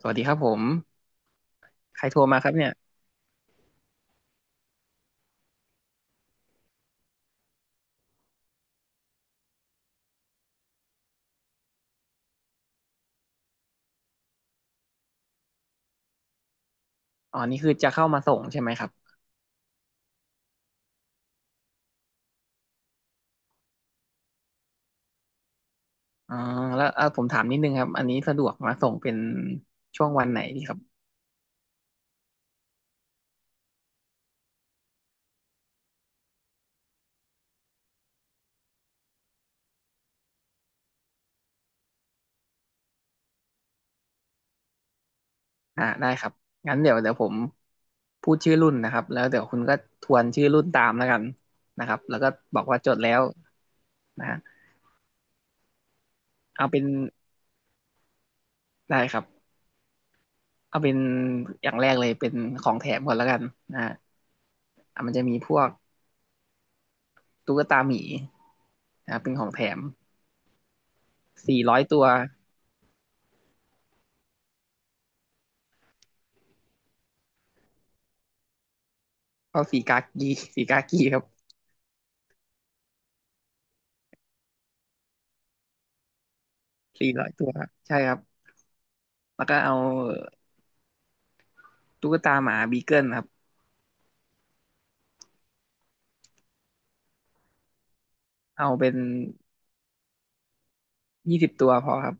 สวัสดีครับผมใครโทรมาครับเนี่ยอ๋อนี่คือจะเข้ามาส่งใช่ไหมครับอ๋อแล้วผมถามนิดนึงครับอันนี้สะดวกมาส่งเป็นช่วงวันไหนดีครับอ่าได้ครับงั้นเดี๋ยวผมพูดชื่อรุ่นนะครับแล้วเดี๋ยวคุณก็ทวนชื่อรุ่นตามแล้วกันนะครับแล้วก็บอกว่าจดแล้วนะฮะเอาเป็นได้ครับเอาเป็นอย่างแรกเลยเป็นของแถมก่อนแล้วกันนะฮะอ่ะมันจะมีพวกตุ๊กตาหมีนะเป็นของแถมสี่ร้อยตัว เอาสีกากี สีกากีครับ400 ตัวครับใช่ครับแล้วก็เอาตุ๊กตาหมาบีเกิลครับเอาเป็น20 ตัวพอครับ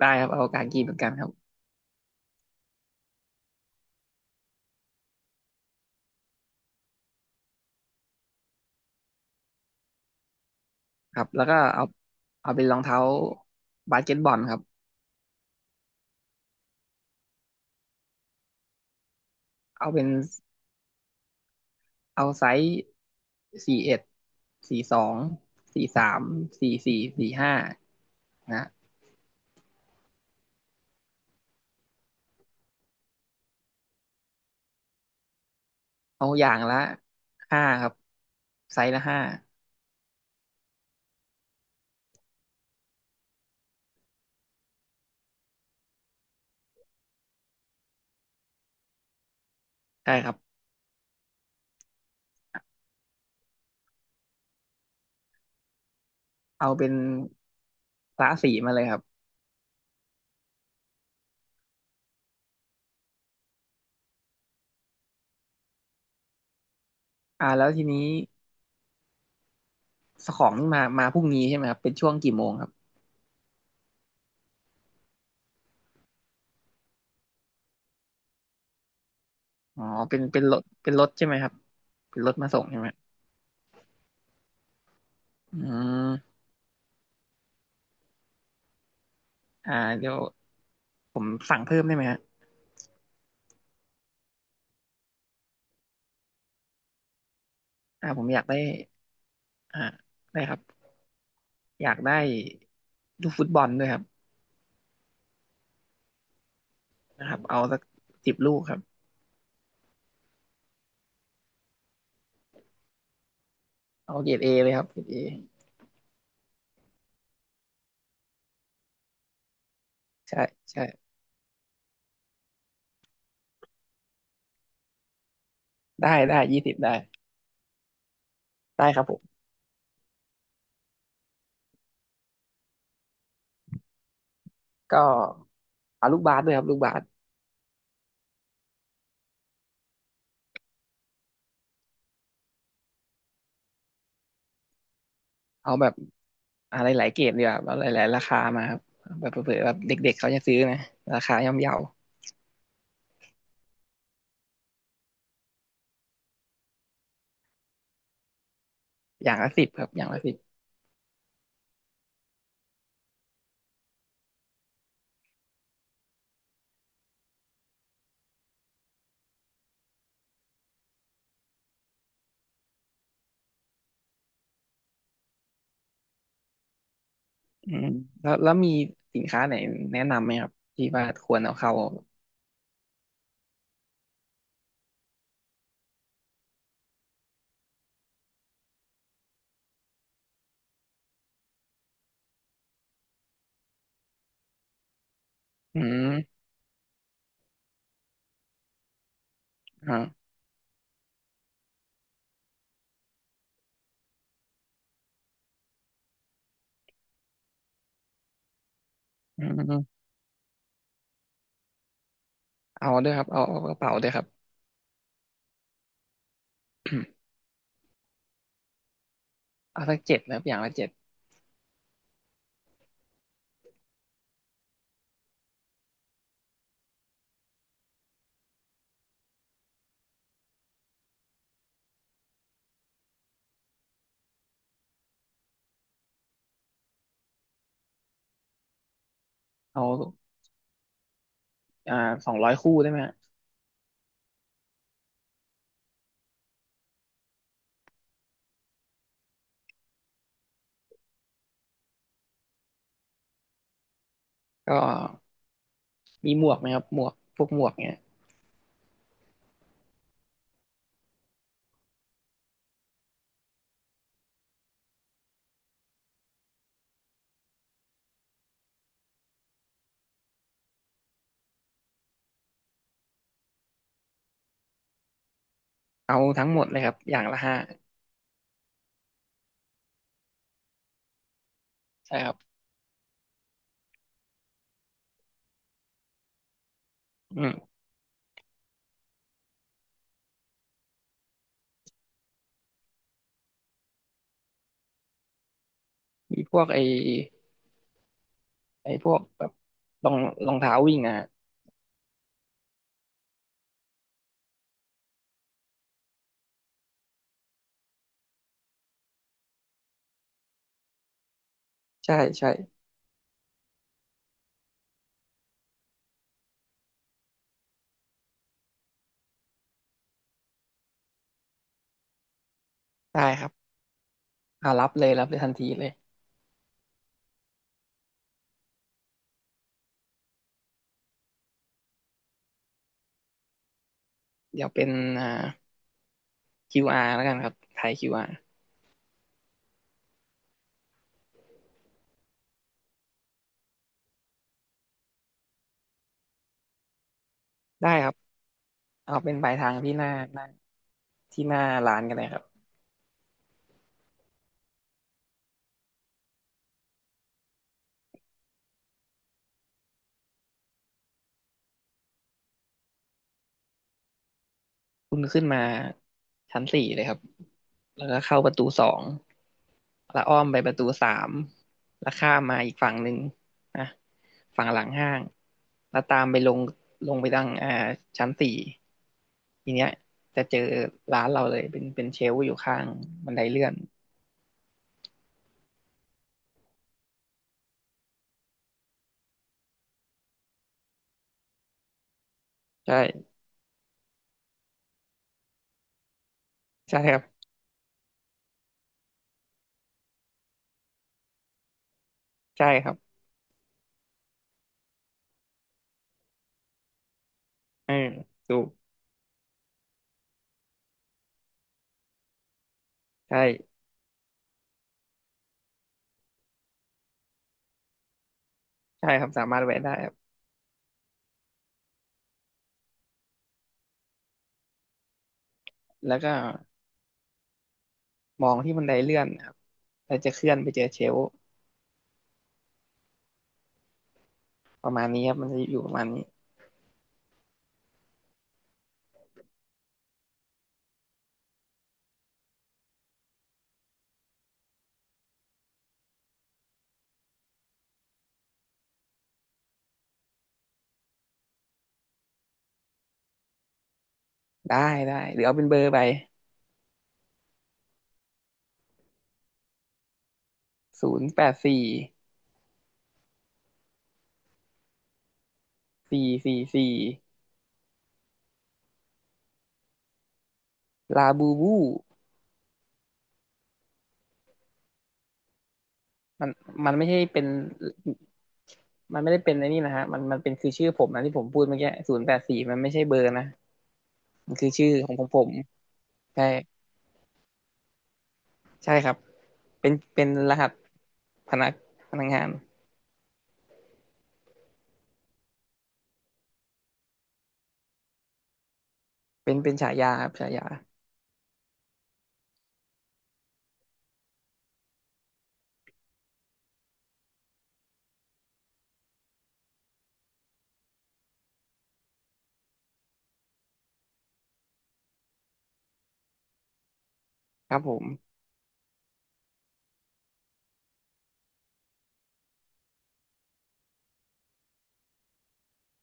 ได้ครับเอากากีเหมือนกันครับครับแล้วก็เอาเอาเป็นรองเท้าบาสเกตบอลครับเอาเป็นเอาไซส์414243สี่สี่45นะเอาอย่างละห้าครับไซส์ละห้าใช่ครับเอาเป็นกะสีมาเลยครับอ่าแล้วทีนี้ สของนี่มาพรุ่งนี้ใช่ไหมครับเป็นช่วงกี่โมงครับอ๋อเป็นรถใช่ไหมครับเป็นรถมาส่งใช่ไหมอืมอ่าเดี๋ยวผมสั่งเพิ่มได้ไหมฮะผมอยากได้อ่าได้ครับอยากได้ลูกฟุตบอลด้วยครับนะครับเอาสัก10 ลูกครับเอาเกรดเอเลยครับเกรดเอใช่ใช่ได้ได้ยี่สิบได้ได้ครับผมก็เอาลูกบาสด้วยครับลูกบาส เอาแบบอะไรหลายๆเกรดดีกว่าเอาหลายๆราคามาครับแบบเผื่อๆแบบเด็กๆเขาจะซื้อนะราคาย่อมเยาอย่างละสิบครับอย่างละสิบอืมแล้วมีสินค้าไหนแนะนำไหมครับที่ว่าควรเอาเข้าอืมอ่าอืมเอาด้วยครับเอากระเป๋าด้วยครับ เอาสักเจ็ดนะครับอย่างละเจ็ดเอาอ่า200 คู่ได้ไหมฮะก็มีหมวกไหมครับหมวกพวกหมวกเนี่ยเอาทั้งหมดเลยครับอย่างละห้าใช่ครับอืมมีพวกไอ้พวกแบบรองรองเท้าวิ่งอ่ะใช่ใช่ได้ครับอ่ารับเลยรับเลยทันทีเลยเดี๋ยวเป็นอ่า QR แล้วกันครับถาย QR ได้ครับเอาเป็นปลายทางที่หน้าที่หน้าร้านกันเลยครับคุณขึ้นมาชั้นสี่เลยครับแล้วก็เข้าประตูสอง แล้วอ้อมไปประตูสามแล้วข้ามมาอีกฝั่งหนึ่งนะฝั่งหลังห้างแล้วตามไปลงไปทางชั้นสี่ทีเนี้ยจะเจอร้านเราเลย เป็นเชลฟ์อยู่ข้างบันไดเลื่อนใช่ ใช่ครับ ใช่ครับเออถูกใช่ใช่ครับสามารถแวะได้ครับแล้วก็มองที่บันไดเลื่อนครับแล้วจะเคลื่อนไปเจอเชลฟ์ประมาณนี้ครับมันจะอยู่ประมาณนี้ได้ได้ หรือเอาเป็นเบอร์ไป084444 ลาบูบูมันมันไม่ใช่เป็นไม่ได้เป็นไอ้นี่นะฮะมันเป็นคือชื่อผมนะที่ผมพูดเมื่อกี้ศูนย์แปดสี่มันไม่ใช่เบอร์นะมันคือชื่อของผมใช่ใช่ครับเป็นรหัสพนักพนักงานเป็นฉายาครับฉายาครับผม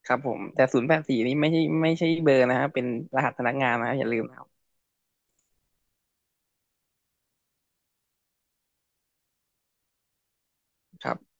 ครับผมแต่ศูนย์แปดสี่นี้ไม่ใช่เบอร์นะฮะเป็นรหัสพนักงานนะอย่าลืมนะครับ